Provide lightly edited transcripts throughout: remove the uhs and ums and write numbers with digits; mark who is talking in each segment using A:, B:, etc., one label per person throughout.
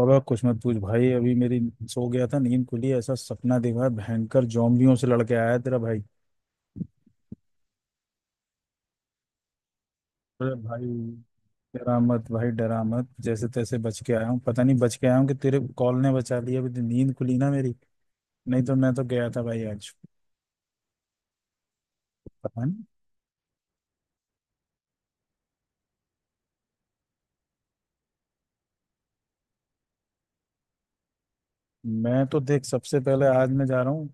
A: बाबा कुछ मत पूछ भाई। अभी मेरी सो गया था, नींद खुली, ऐसा सपना देखा, भयंकर जोम्बियों से लड़के आया है तेरा भाई। अरे भाई, डरा मत भाई, डरा मत। जैसे तैसे बच के आया हूँ, पता नहीं बच के आया हूँ कि तेरे कॉल ने बचा लिया। अभी तो नींद खुली ना मेरी, नहीं तो मैं तो गया था भाई आज। पता नहीं, मैं तो देख, सबसे पहले आज मैं जा रहा हूँ,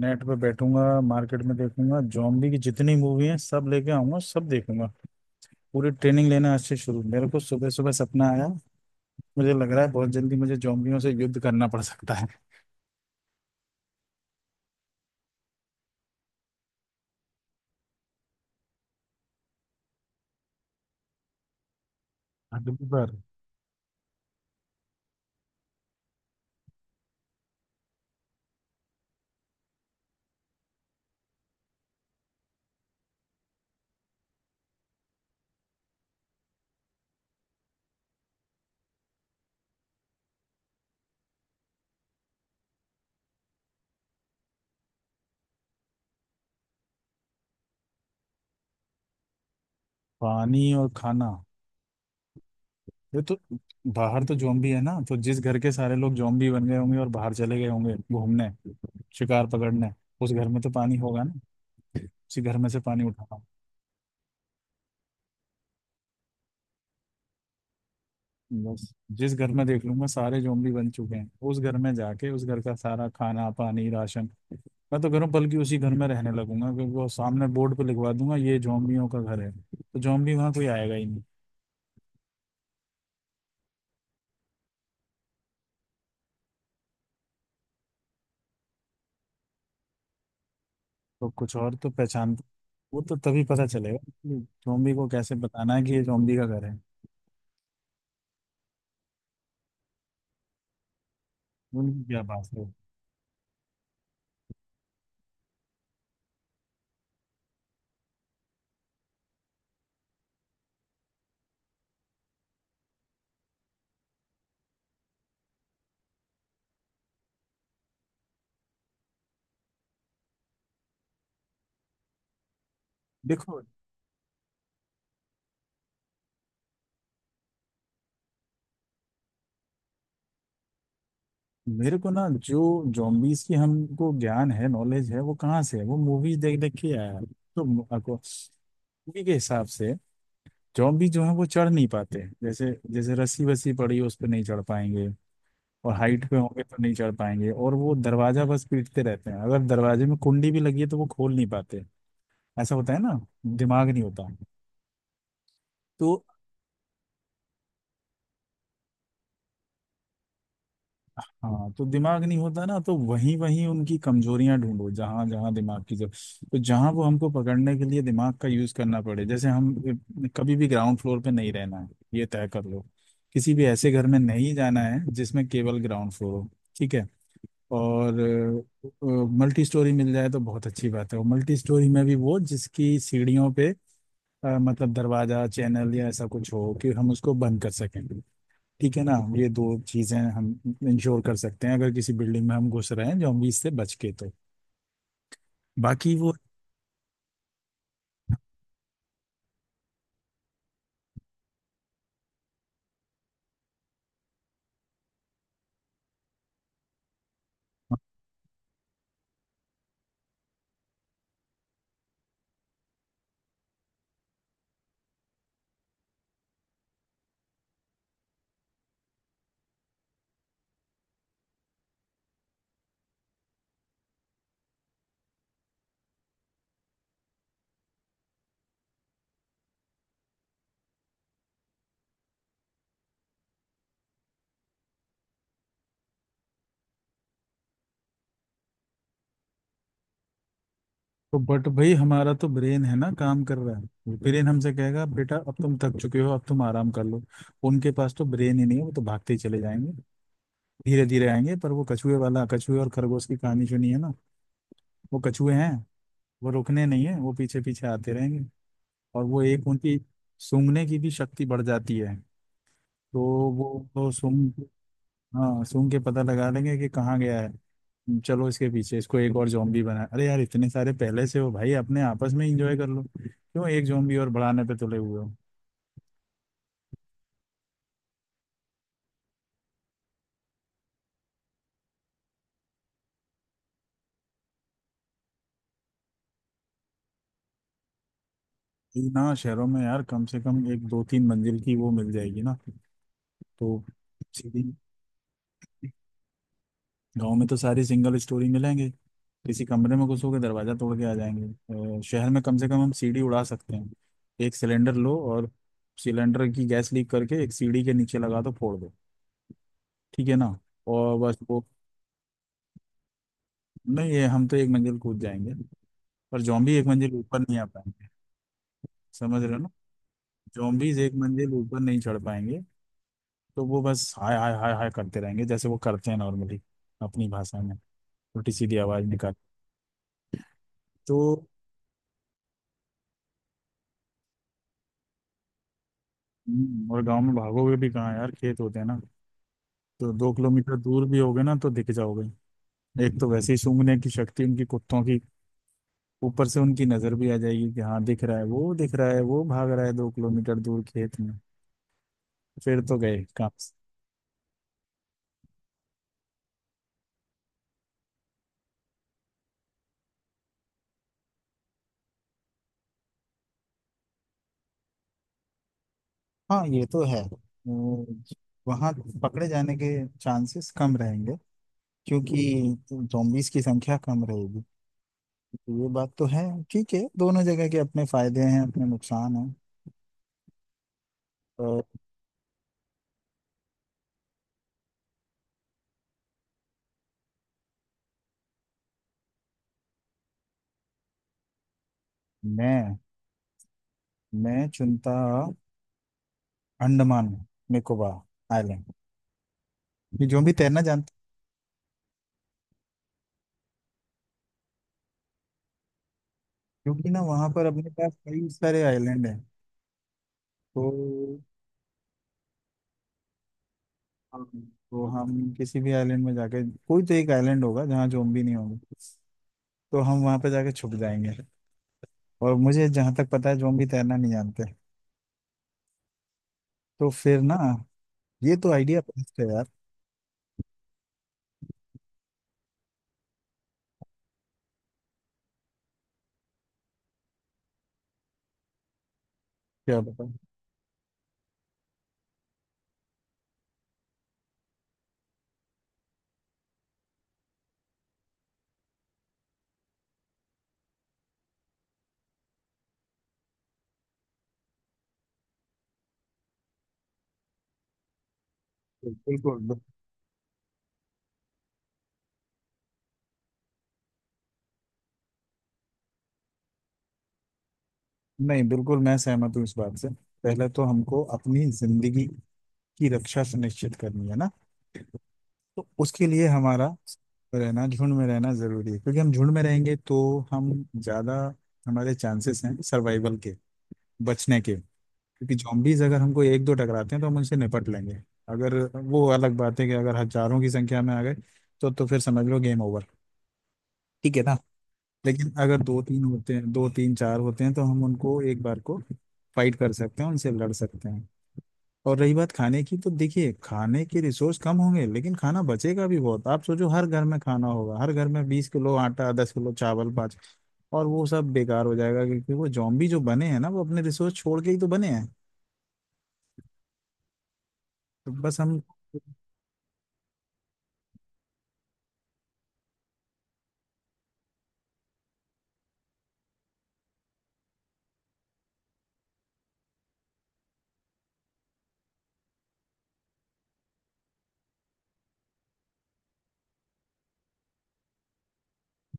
A: नेट पे बैठूंगा, मार्केट में देखूंगा, जॉम्बी की जितनी मूवी हैं सब लेके आऊंगा, सब देखूंगा। पूरी ट्रेनिंग लेना आज से शुरू। मेरे को सुबह सुबह सपना आया, मुझे लग रहा है बहुत जल्दी मुझे जोम्बियों से युद्ध करना पड़ सकता है। अगली बार। पानी और खाना, ये तो, बाहर तो जोम्बी है ना, तो जिस घर के सारे लोग जोम्बी बन गए होंगे और बाहर चले गए होंगे घूमने, शिकार पकड़ने, उस घर में तो पानी होगा ना। उसी घर में से पानी उठाना। बस, जिस घर में देख लूंगा सारे जोम्बी बन चुके हैं, उस घर में जाके उस घर का सारा खाना पानी राशन मैं तो करूँ, बल्कि उसी घर में रहने लगूंगा। क्योंकि वो सामने बोर्ड पे लिखवा दूंगा, ये जोम्बियों का घर है, तो जोम्बी वहां कोई आएगा ही। तो कुछ और तो पहचान। वो तो तभी पता चलेगा कि जोम्बी को कैसे बताना है कि ये जोम्बी का घर है। उनकी क्या बात है। देखो, मेरे को ना जो जोम्बीज की हमको ज्ञान है, नॉलेज है, वो कहाँ से है, वो मूवीज देख देख के आया है। तो मूवी के हिसाब से जोम्बी जो है वो चढ़ नहीं पाते। जैसे जैसे रस्सी वस्सी पड़ी है, उस पर नहीं चढ़ पाएंगे, और हाइट पे होंगे तो नहीं चढ़ पाएंगे। और वो दरवाजा बस पीटते रहते हैं, अगर दरवाजे में कुंडी भी लगी है तो वो खोल नहीं पाते। ऐसा होता है ना। दिमाग नहीं होता। तो, हाँ, तो दिमाग नहीं होता ना, तो वहीं वहीं उनकी कमजोरियां ढूंढो जहां जहां दिमाग की जरूरत। तो जहां वो हमको पकड़ने के लिए दिमाग का यूज करना पड़े, जैसे हम कभी भी ग्राउंड फ्लोर पे नहीं रहना है, ये तय कर लो। किसी भी ऐसे घर में नहीं जाना है जिसमें केवल ग्राउंड फ्लोर हो। ठीक है। और मल्टी स्टोरी मिल जाए तो बहुत अच्छी बात है। और मल्टी स्टोरी में भी वो जिसकी सीढ़ियों पे मतलब दरवाजा चैनल या ऐसा कुछ हो कि हम उसको बंद कर सकें, ठीक है ना। ये दो चीजें हम इंश्योर कर सकते हैं अगर किसी बिल्डिंग में हम घुस रहे हैं जॉम्बीज से बच के। तो बाकी वो, तो बट भाई हमारा तो ब्रेन है ना, काम कर रहा है। ब्रेन हमसे कहेगा बेटा अब तुम थक चुके हो, अब तुम आराम कर लो। उनके पास तो ब्रेन ही नहीं है, वो तो भागते ही चले जाएंगे। धीरे धीरे आएंगे, पर वो कछुए वाला, कछुए और खरगोश की कहानी सुनी है ना, वो कछुए हैं। वो रुकने नहीं है, वो पीछे पीछे आते रहेंगे। और वो एक उनकी सूंघने की भी शक्ति बढ़ जाती है। तो वो तो सूंघ हाँ, सूंघ के पता लगा लेंगे कि कहाँ गया है। चलो इसके पीछे, इसको एक और जॉम्बी बना। अरे यार इतने सारे पहले से हो भाई, अपने आपस में इंजॉय कर लो, क्यों एक जॉम्बी और बढ़ाने पे तुले हुए हो। ये ना शहरों में यार कम से कम एक दो तीन मंजिल की वो मिल जाएगी ना। तो सीधी, गांव में तो सारी सिंगल स्टोरी मिलेंगे, किसी कमरे में घुसोगे दरवाजा तोड़ के आ जाएंगे। शहर में कम से कम हम सीढ़ी उड़ा सकते हैं। एक सिलेंडर लो और सिलेंडर की गैस लीक करके एक सीढ़ी के नीचे लगा दो, फोड़ दो, ठीक है ना। और बस वो, नहीं ये हम तो एक मंजिल कूद जाएंगे, पर जॉम्बी एक मंजिल ऊपर नहीं आ पाएंगे। समझ रहे हो ना। जॉम्बीज एक मंजिल ऊपर नहीं चढ़ पाएंगे। तो वो बस हाय हाय हाय हाय करते रहेंगे जैसे वो करते हैं नॉर्मली, अपनी भाषा में, छोटी सीधी आवाज निकाल। तो और गांव में भागोगे भी कहाँ यार, खेत होते हैं ना, तो 2 किलोमीटर दूर भी होगे ना तो दिख जाओगे। एक तो वैसे ही सूंघने की शक्ति उनकी कुत्तों की, ऊपर से उनकी नजर भी आ जाएगी कि हाँ दिख रहा है, वो दिख रहा है, वो भाग रहा है 2 किलोमीटर दूर खेत में, फिर तो गए काम। हाँ, ये तो है। वहां पकड़े जाने के चांसेस कम रहेंगे, क्योंकि zombies की संख्या कम रहेगी, तो ये बात तो है। ठीक है, दोनों जगह के अपने फायदे हैं, अपने नुकसान हैं। और मैं मैं चुनता, अंडमान निकोबार आइलैंड। ये जो भी तैरना जानते हैं, क्योंकि ना वहां पर अपने पास कई सारे आइलैंड हैं। तो हम हम किसी भी आइलैंड में जाके, कोई तो एक आइलैंड होगा जहाँ जोम्बी नहीं होंगे, तो हम वहां पर जाके छुप जाएंगे। और मुझे जहां तक पता है जो हम भी तैरना नहीं जानते, तो फिर ना, ये तो आइडिया बेस्ट है यार। क्या बताऊं। बिल्कुल बिल्कुल। नहीं, बिल्कुल मैं सहमत हूँ इस बात से। पहले तो हमको अपनी जिंदगी की रक्षा सुनिश्चित करनी है ना, तो उसके लिए हमारा रहना, झुंड में रहना जरूरी है। क्योंकि हम झुंड में रहेंगे तो हम ज्यादा, हमारे चांसेस हैं सर्वाइवल के, बचने के। क्योंकि जॉम्बीज अगर हमको एक दो टकराते हैं तो हम उनसे निपट लेंगे। अगर, वो अलग बात है कि अगर हजारों की संख्या में आ गए तो फिर समझ लो गेम ओवर, ठीक है ना। लेकिन अगर दो तीन होते हैं, दो तीन चार होते हैं, तो हम उनको एक बार को फाइट कर सकते हैं, उनसे लड़ सकते हैं। और रही बात खाने की, तो देखिए खाने के रिसोर्स कम होंगे, लेकिन खाना बचेगा भी बहुत। आप सोचो हर घर में खाना होगा, हर घर में 20 किलो आटा, 10 किलो चावल, पाँच, और वो सब बेकार हो जाएगा क्योंकि वो जॉम्बी जो बने हैं ना वो अपने रिसोर्स छोड़ के ही तो बने हैं। तो बस हम,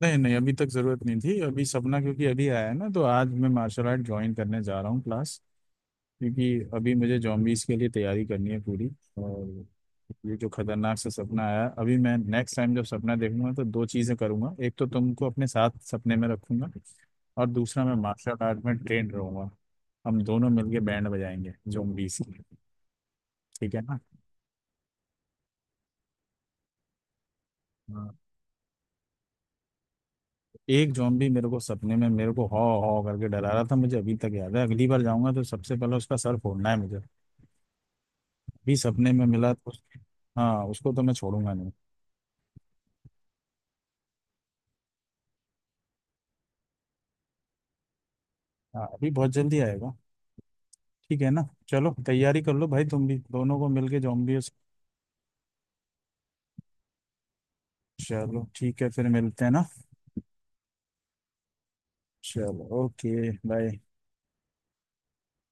A: नहीं नहीं, अभी तक जरूरत नहीं थी, अभी सपना क्योंकि अभी आया है ना, तो आज मैं मार्शल आर्ट ज्वाइन करने जा रहा हूँ, क्लास। क्योंकि अभी मुझे जॉम्बीज के लिए तैयारी करनी है पूरी। और ये जो खतरनाक सा सपना आया, अभी मैं नेक्स्ट टाइम जब सपना देखूंगा तो दो चीज़ें करूंगा, एक तो तुमको अपने साथ सपने में रखूंगा, और दूसरा मैं मार्शल आर्ट में ट्रेंड रहूंगा। हम दोनों मिलके बैंड बजाएंगे जॉम्बीज की। ठीक है ना। हाँ। एक जॉम्बी मेरे को सपने में, मेरे को हॉ हॉ करके डरा रहा था, मुझे अभी तक याद है, अगली बार जाऊंगा तो सबसे पहले उसका सर फोड़ना है मुझे। अभी सपने में मिला तो हाँ उसको तो मैं छोड़ूंगा नहीं। हाँ अभी बहुत जल्दी आएगा। ठीक है ना, चलो तैयारी कर लो भाई तुम भी, दोनों को मिलके जॉम्बियों से। चलो ठीक है, फिर मिलते हैं ना। चलो ओके बाय।